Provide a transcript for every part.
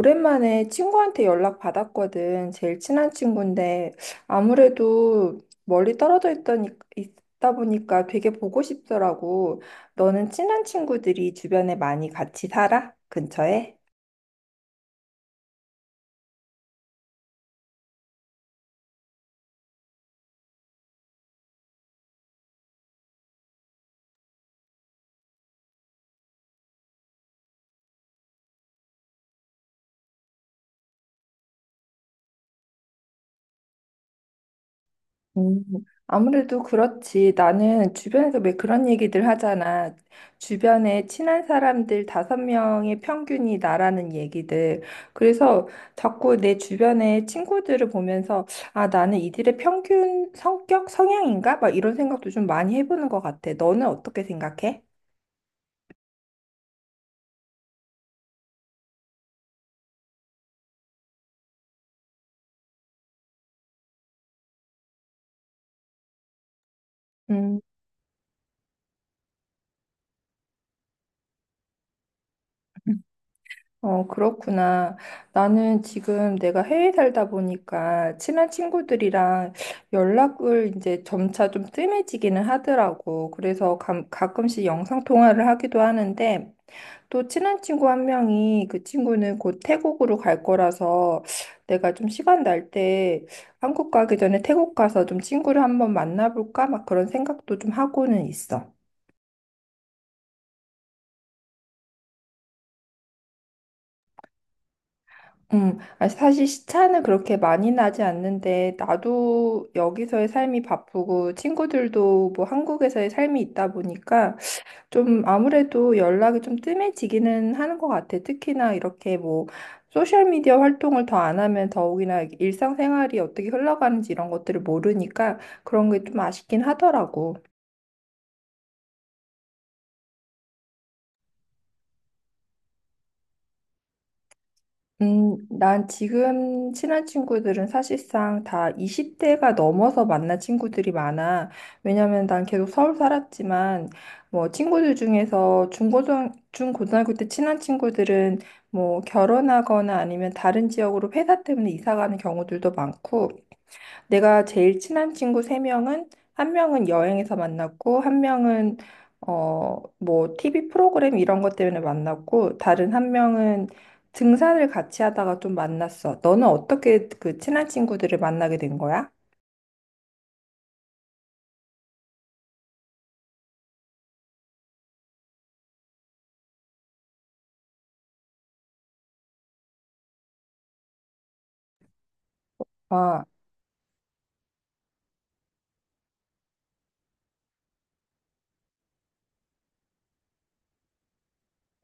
오랜만에 친구한테 연락 받았거든. 제일 친한 친구인데 아무래도 멀리 떨어져 있더니 있다 보니까 되게 보고 싶더라고. 너는 친한 친구들이 주변에 많이 같이 살아? 근처에? 음, 아무래도 그렇지. 나는 주변에서 왜 그런 얘기들 하잖아. 주변에 친한 사람들 다섯 명의 평균이 나라는 얘기들. 그래서 자꾸 내 주변의 친구들을 보면서 아, 나는 이들의 평균 성격 성향인가? 막 이런 생각도 좀 많이 해보는 것 같아. 너는 어떻게 생각해? 음. 어, 그렇구나. 나는 지금 내가 해외 살다 보니까 친한 친구들이랑 연락을 이제 점차 좀 뜸해지기는 하더라고. 그래서 가끔씩 영상 통화를 하기도 하는데 또 친한 친구 한 명이 그 친구는 곧 태국으로 갈 거라서 내가 좀 시간 날 때 한국 가기 전에 태국 가서 좀 친구를 한번 만나볼까? 막 그런 생각도 좀 하고는 있어. 아, 사실 시차는 그렇게 많이 나지 않는데, 나도 여기서의 삶이 바쁘고, 친구들도 뭐 한국에서의 삶이 있다 보니까, 좀 아무래도 연락이 좀 뜸해지기는 하는 것 같아. 특히나 이렇게 뭐, 소셜미디어 활동을 더 안 하면 더욱이나 일상생활이 어떻게 흘러가는지 이런 것들을 모르니까 그런 게 좀 아쉽긴 하더라고. 난 지금 친한 친구들은 사실상 다 20대가 넘어서 만난 친구들이 많아. 왜냐면 난 계속 서울 살았지만, 뭐, 친구들 중에서 중고등학교 때 친한 친구들은 뭐, 결혼하거나 아니면 다른 지역으로 회사 때문에 이사 가는 경우들도 많고, 내가 제일 친한 친구 세명은한 명은 한 명은 여행에서 만났고, 한 명은 어, 뭐 TV 프로그램 이런 것 때문에 만났고, 다른 한 명은 등산을 같이 하다가 좀 만났어. 너는 어떻게 그 친한 친구들을 만나게 된 거야? 아,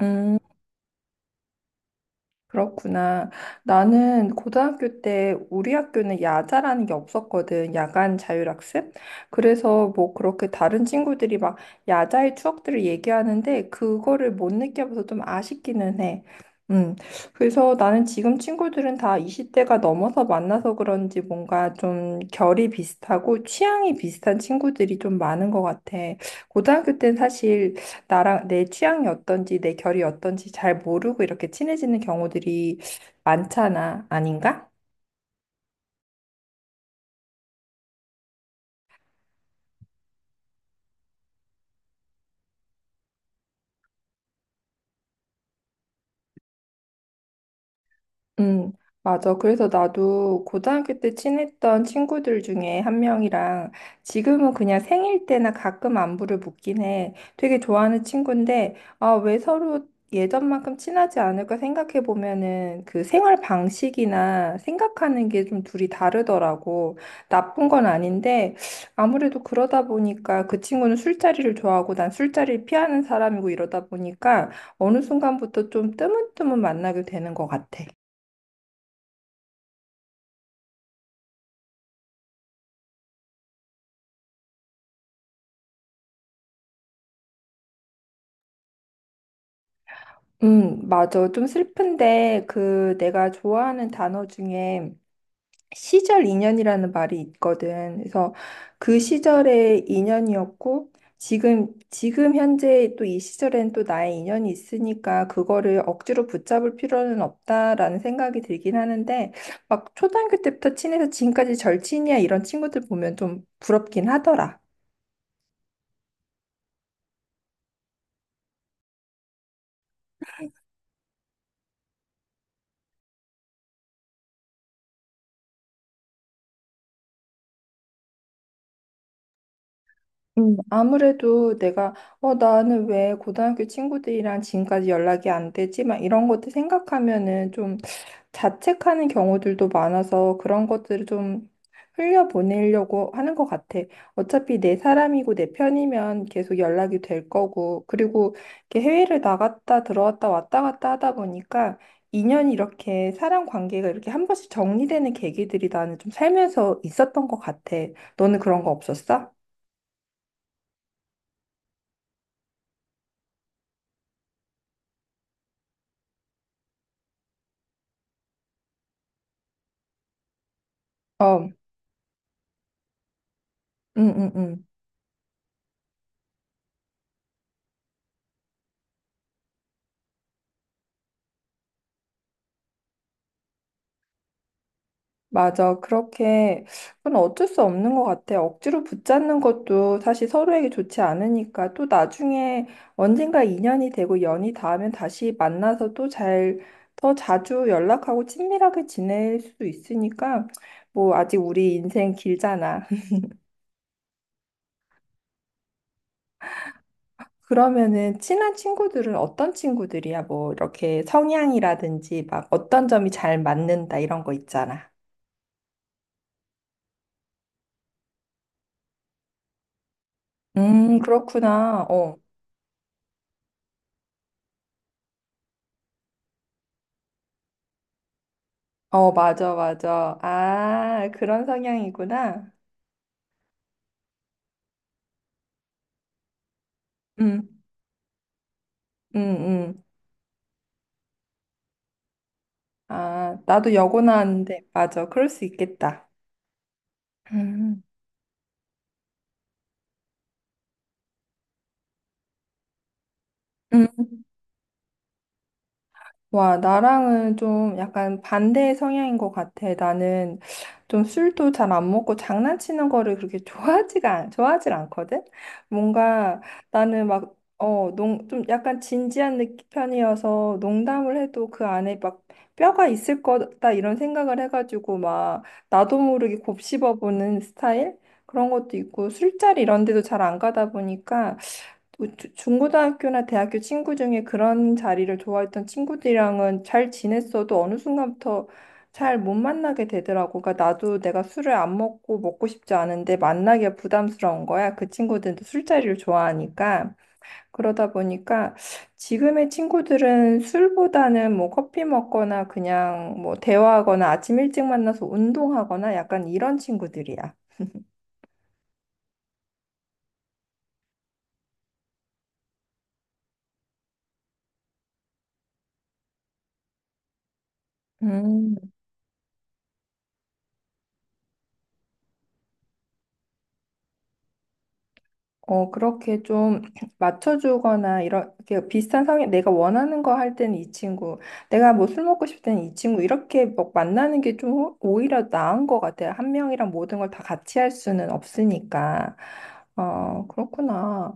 음. 그렇구나. 나는 고등학교 때 우리 학교는 야자라는 게 없었거든. 야간 자율학습. 그래서 뭐 그렇게 다른 친구들이 막 야자의 추억들을 얘기하는데 그거를 못 느껴봐서 좀 아쉽기는 해. 음. 그래서 나는 지금 친구들은 다 20대가 넘어서 만나서 그런지 뭔가 좀 결이 비슷하고 취향이 비슷한 친구들이 좀 많은 것 같아. 고등학교 때는 사실 나랑 내 취향이 어떤지, 내 결이 어떤지 잘 모르고 이렇게 친해지는 경우들이 많잖아. 아닌가? 음, 맞아. 그래서 나도 고등학교 때 친했던 친구들 중에 한 명이랑 지금은 그냥 생일 때나 가끔 안부를 묻긴 해. 되게 좋아하는 친구인데, 아, 왜 서로 예전만큼 친하지 않을까 생각해 보면은 그 생활 방식이나 생각하는 게 좀 둘이 다르더라고. 나쁜 건 아닌데, 아무래도 그러다 보니까 그 친구는 술자리를 좋아하고 난 술자리를 피하는 사람이고 이러다 보니까 어느 순간부터 좀 뜨문뜨문 만나게 되는 것 같아. 맞아. 좀 슬픈데, 그, 내가 좋아하는 단어 중에 시절 인연이라는 말이 있거든. 그래서 그 시절의 인연이었고, 지금 현재 또 이 시절엔 또 나의 인연이 있으니까, 그거를 억지로 붙잡을 필요는 없다라는 생각이 들긴 하는데, 막 초등학교 때부터 친해서 지금까지 절친이야, 이런 친구들 보면 좀 부럽긴 하더라. 아무래도 내가, 어, 나는 왜 고등학교 친구들이랑 지금까지 연락이 안 되지? 막 이런 것들 생각하면은 좀 자책하는 경우들도 많아서 그런 것들을 좀 흘려보내려고 하는 것 같아. 어차피 내 사람이고 내 편이면 계속 연락이 될 거고. 그리고 이렇게 해외를 나갔다 들어왔다 왔다 갔다 하다 보니까 인연이 이렇게 사람 관계가 이렇게 한 번씩 정리되는 계기들이 나는 좀 살면서 있었던 것 같아. 너는 그런 거 없었어? 어. 응응응 맞아. 그렇게, 그건 어쩔 수 없는 것 같아. 억지로 붙잡는 것도 사실 서로에게 좋지 않으니까 또 나중에 언젠가 인연이 되고 연이 닿으면 다시 만나서 또 잘, 더 자주 연락하고 친밀하게 지낼 수도 있으니까 뭐 아직 우리 인생 길잖아. 그러면은 친한 친구들은 어떤 친구들이야? 뭐 이렇게 성향이라든지 막 어떤 점이 잘 맞는다 이런 거 있잖아. 그렇구나. 어. 어, 맞아, 맞아. 아, 그런 성향이구나. 응, 응, 응. 아, 나도 여고 나왔는데, 맞아. 그럴 수 있겠다. 음. 음, 와, 나랑은 좀 약간 반대의 성향인 것 같아. 나는 좀 술도 잘 안 먹고 장난치는 거를 그렇게 좋아하지가, 좋아하질 않거든? 뭔가 나는 막, 좀 약간 진지한 편이어서 농담을 해도 그 안에 막 뼈가 있을 거다 이런 생각을 해가지고 막 나도 모르게 곱씹어보는 스타일? 그런 것도 있고 술자리 이런 데도 잘 안 가다 보니까 중고등학교나 대학교 친구 중에 그런 자리를 좋아했던 친구들이랑은 잘 지냈어도 어느 순간부터 잘 못 만나게 되더라고. 그러니까 나도 내가 술을 안 먹고 먹고 싶지 않은데 만나기가 부담스러운 거야. 그 친구들도 술자리를 좋아하니까. 그러다 보니까 지금의 친구들은 술보다는 뭐 커피 먹거나 그냥 뭐 대화하거나 아침 일찍 만나서 운동하거나 약간 이런 친구들이야. 음. 어, 그렇게 좀 맞춰주거나, 이렇게 비슷한 성향, 내가 원하는 거 할 때는 이 친구, 내가 뭐 술 먹고 싶을 때는 이 친구, 이렇게 막 만나는 게 좀 오히려 나은 것 같아요. 한 명이랑 모든 걸 다 같이 할 수는 없으니까. 어, 그렇구나.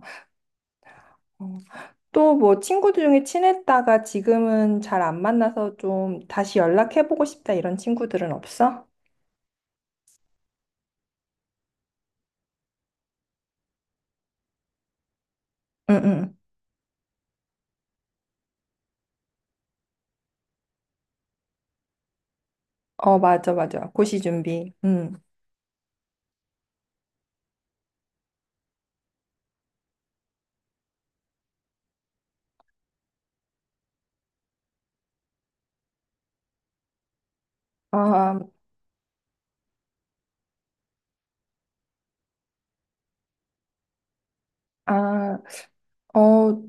어, 또뭐 친구들 중에 친했다가 지금은 잘 안 만나서 좀 다시 연락해보고 싶다 이런 친구들은 없어? 응, 응. 어, 맞아, 맞아. 고시 준비. 응. 아, 아, 어,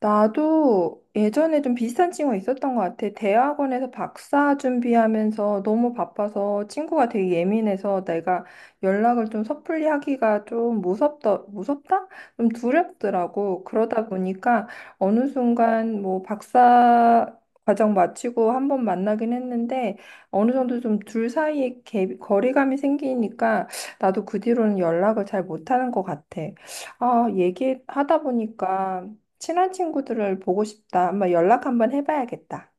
나도 예전에 좀 비슷한 친구가 있었던 것 같아. 대학원에서 박사 준비하면서 너무 바빠서 친구가 되게 예민해서 내가 연락을 좀 섣불리 하기가 좀 무섭다, 무섭다? 좀 두렵더라고. 그러다 보니까 어느 순간 뭐 박사 과정 마치고 한번 만나긴 했는데 어느 정도 좀 둘 사이에 갭, 거리감이 생기니까 나도 그 뒤로는 연락을 잘 못하는 것 같아. 아, 얘기하다 보니까 친한 친구들을 보고 싶다. 한번 연락 한번 해봐야겠다.